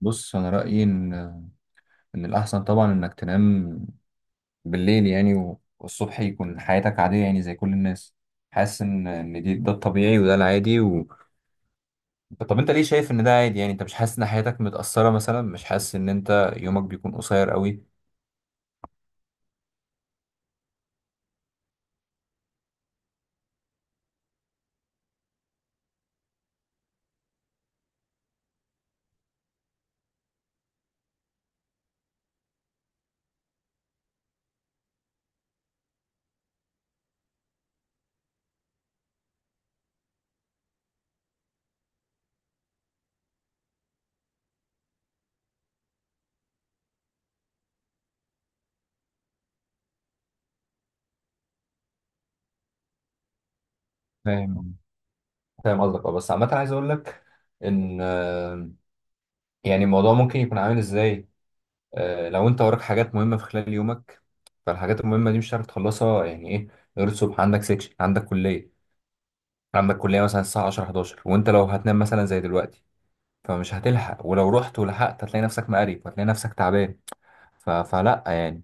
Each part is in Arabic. بص، انا رايي ان الاحسن طبعا انك تنام بالليل، يعني والصبح يكون حياتك عاديه يعني زي كل الناس. حاسس ان ده الطبيعي وده العادي طب انت ليه شايف ان ده عادي؟ يعني انت مش حاسس ان حياتك متاثره مثلا؟ مش حاسس ان انت يومك بيكون قصير قوي؟ فاهم فاهم قصدك، اه، بس عامه عايز اقول لك ان يعني الموضوع ممكن يكون عامل ازاي. لو انت وراك حاجات مهمه في خلال يومك، فالحاجات المهمه دي مش هتعرف تخلصها، يعني ايه؟ غير الصبح عندك سكشن، عندك كلية مثلا الساعة 10 11، وانت لو هتنام مثلا زي دلوقتي فمش هتلحق، ولو رحت ولحقت هتلاقي نفسك مقريف وهتلاقي نفسك تعبان. فلا يعني.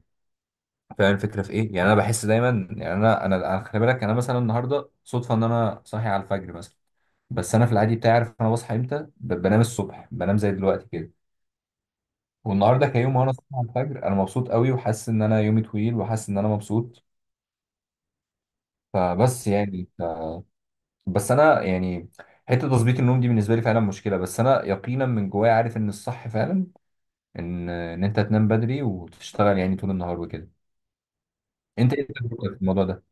فاهم الفكرة في ايه؟ يعني انا بحس دايما، يعني انا انا أنا خلي بالك، انا مثلا النهاردة صدفة ان انا صاحي على الفجر مثلا، بس انا في العادي بتاعي عارف انا بصحى امتى، بنام الصبح، بنام زي دلوقتي كده. والنهارده كيوم وانا صاحي على الفجر، انا مبسوط قوي وحاسس ان انا يومي طويل وحاسس ان انا مبسوط. فبس يعني بس انا يعني حته تظبيط النوم دي بالنسبه لي فعلا مشكله، بس انا يقينا من جوايا عارف ان الصح فعلا ان انت تنام بدري وتشتغل يعني طول النهار وكده. انت ايه تجربتك في الموضوع ده؟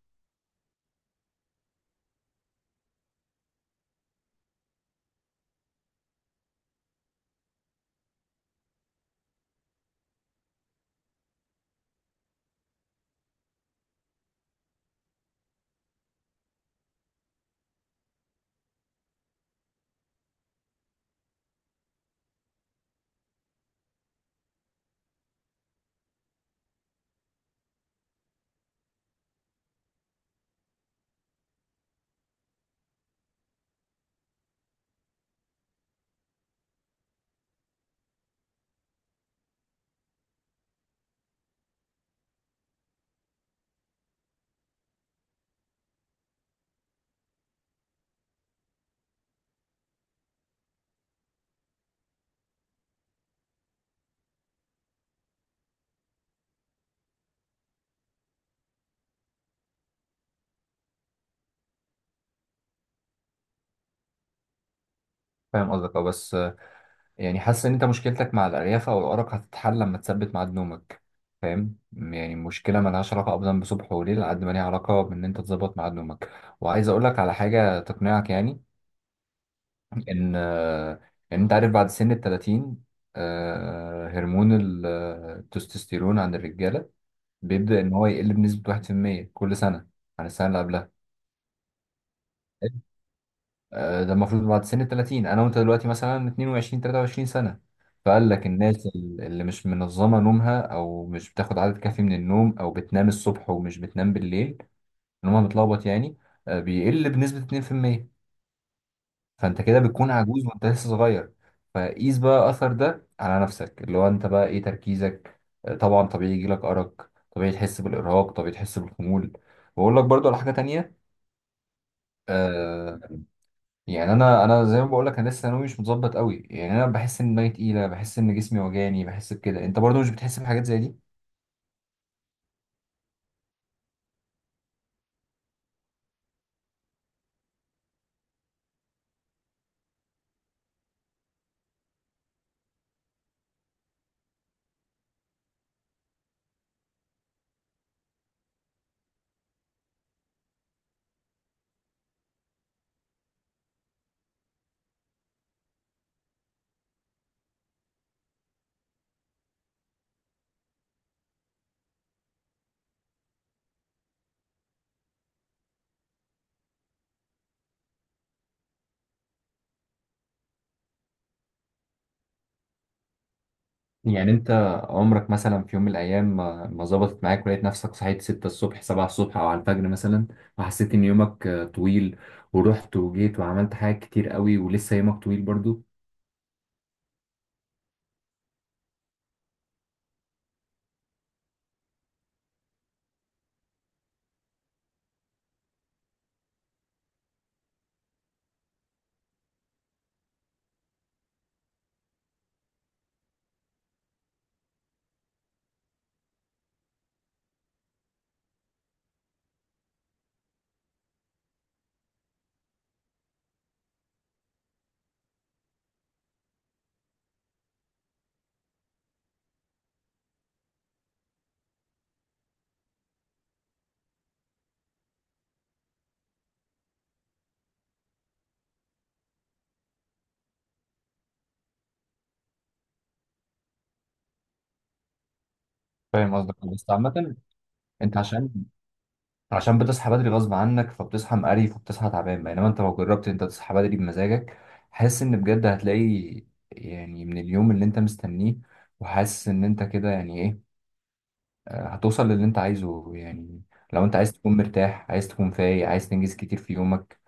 فاهم قصدك، اه، بس يعني حاسس ان انت مشكلتك مع الارياف او الارق هتتحل لما تثبت ميعاد نومك. فاهم، يعني مشكله مالهاش علاقه ابدا بصبح وليل على قد ما ليها علاقه بان انت تظبط ميعاد نومك. وعايز اقول لك على حاجه تقنعك يعني. ان آه، ان انت عارف بعد سن ال 30، هرمون التستوستيرون عند الرجاله بيبدا ان هو يقل بنسبه 1% كل سنه عن السنه اللي قبلها. ده المفروض بعد سن ال 30، انا وانت دلوقتي مثلا 22 23 سنه، فقال لك الناس اللي مش منظمه نومها، او مش بتاخد عدد كافي من النوم، او بتنام الصبح ومش بتنام بالليل، نومها متلخبط يعني، بيقل بنسبه 2%. فانت كده بتكون عجوز وانت لسه صغير. فقيس بقى اثر ده على نفسك، اللي هو انت بقى ايه تركيزك. طبعا طبيعي يجيلك ارق، طبيعي تحس بالارهاق، طبيعي تحس بالخمول. واقول لك برضو على حاجه تانية. آه يعني انا انا زي ما بقول لك، انا لسه ثانوي مش متظبط قوي، يعني انا بحس ان دماغي تقيله، بحس ان جسمي وجعني، بحس بكده. انت برضو مش بتحس بحاجات زي دي؟ يعني انت عمرك مثلا، في يوم من الايام، ما ظبطت معاك ولقيت نفسك صحيت 6 الصبح 7 الصبح او على الفجر مثلا، وحسيت ان يومك طويل، ورحت وجيت وعملت حاجات كتير قوي ولسه يومك طويل برضو؟ فاهم قصدك، بس عامة انت عشان بتصحى بدري غصب عنك، فبتصحى مقريف وبتصحى تعبان. بينما انت لو جربت انت تصحى بدري بمزاجك، حاسس ان بجد هتلاقي، يعني من اليوم اللي انت مستنيه، وحاسس ان انت كده يعني إيه، هتوصل للي انت عايزه يعني. لو انت عايز تكون مرتاح، عايز تكون فايق، عايز تنجز كتير في يومك،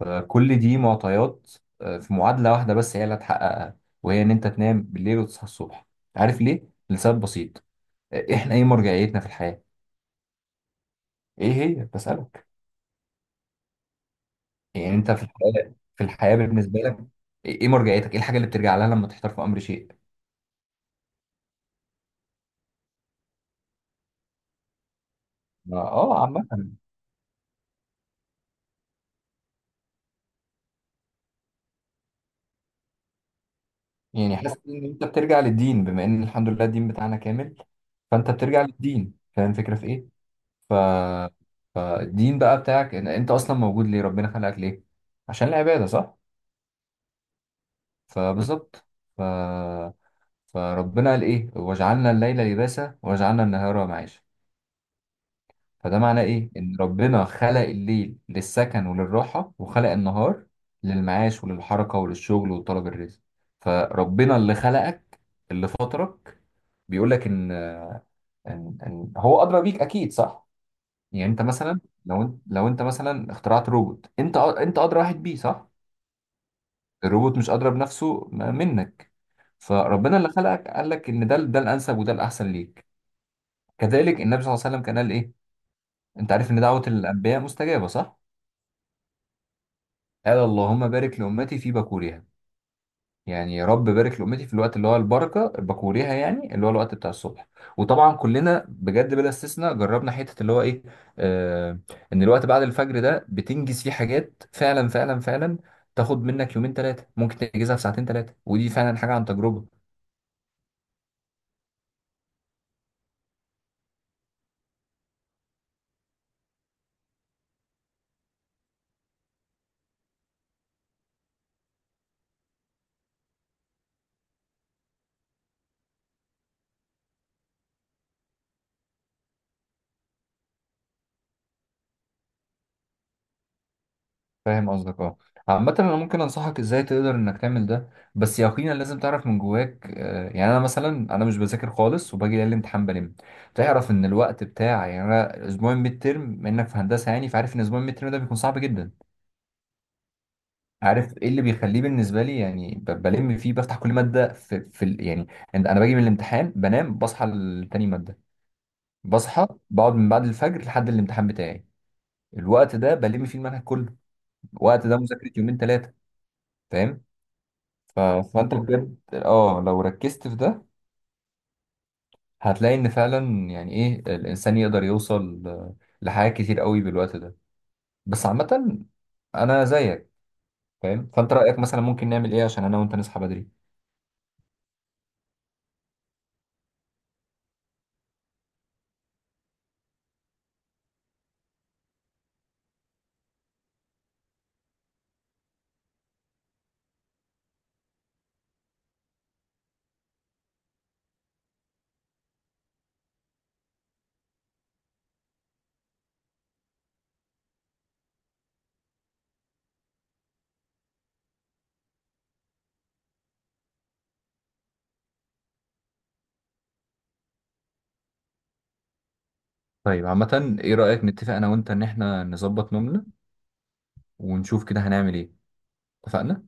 فكل دي معطيات في معادلة واحدة بس هي اللي هتحققها، وهي ان انت تنام بالليل وتصحى الصبح. عارف ليه؟ لسبب بسيط. احنا ايه مرجعيتنا في الحياة؟ ايه هي؟ بسألك. يعني انت في الحياة، بالنسبة لك إيه مرجعيتك؟ ايه الحاجة اللي بترجع لها لما تحتار في امر شيء؟ اه، عامة. يعني حاسس ان انت بترجع للدين، بما ان الحمد لله الدين بتاعنا كامل، فانت بترجع للدين. فاهم الفكرة في ايه؟ ف... فالدين بقى بتاعك ان انت اصلا موجود ليه؟ ربنا خلقك ليه؟ عشان العباده، صح؟ فبالظبط. ف... فربنا قال ايه؟ وجعلنا الليل لباسا وجعلنا النهار معاشا. فده معناه ايه؟ ان ربنا خلق الليل للسكن وللراحه، وخلق النهار للمعاش وللحركه وللشغل وطلب الرزق. فربنا اللي خلقك، اللي فطرك، بيقول لك ان ان إن هو ادرى بيك، اكيد صح. يعني انت مثلا لو انت مثلا اخترعت روبوت، انت انت ادرى واحد بيه، صح؟ الروبوت مش ادرى بنفسه منك. فربنا اللي خلقك قال لك ان ده الانسب وده الاحسن ليك. كذلك النبي صلى الله عليه وسلم كان قال ايه؟ انت عارف ان دعوة الانبياء مستجابة، صح؟ قال: اللهم بارك لامتي في بكورها. يعني يا رب بارك لأمتي في الوقت اللي هو البركة بكوريها، يعني اللي هو الوقت بتاع الصبح. وطبعا كلنا بجد بلا استثناء جربنا حتة اللي هو إيه. آه إن الوقت بعد الفجر ده بتنجز فيه حاجات، فعلا فعلا فعلا. تاخد منك يومين ثلاثة ممكن تنجزها في ساعتين ثلاثة، ودي فعلا حاجة عن تجربة. فاهم قصدك، اه. عامة انا ممكن انصحك ازاي تقدر انك تعمل ده، بس يقينا لازم تعرف من جواك. يعني انا مثلا انا مش بذاكر خالص وباجي ليالي الامتحان بلم. تعرف ان الوقت بتاع، يعني انا اسبوع الميد ترم انك في هندسة يعني، فعارف ان اسبوع الميد ترم ده بيكون صعب جدا. عارف ايه اللي بيخليه بالنسبة لي؟ يعني بلم فيه، بفتح كل مادة يعني أنا باجي من الامتحان بنام، بصحى لتاني مادة، بصحى بقعد من بعد الفجر لحد الامتحان بتاعي، الوقت ده بلم فيه المنهج كله. الوقت ده مذاكرة يومين ثلاثة، فاهم؟ ف- فانت بالظبط بجد، اه، لو ركزت في ده هتلاقي ان فعلا يعني ايه الانسان يقدر يوصل لحاجات كتير قوي بالوقت ده. بس عامة انا زيك. فاهم؟ فانت رأيك مثلا ممكن نعمل ايه عشان انا وانت نصحى بدري؟ طيب عامة ايه رأيك نتفق انا وانت ان احنا نظبط نومنا، ونشوف كده هنعمل ايه؟ اتفقنا؟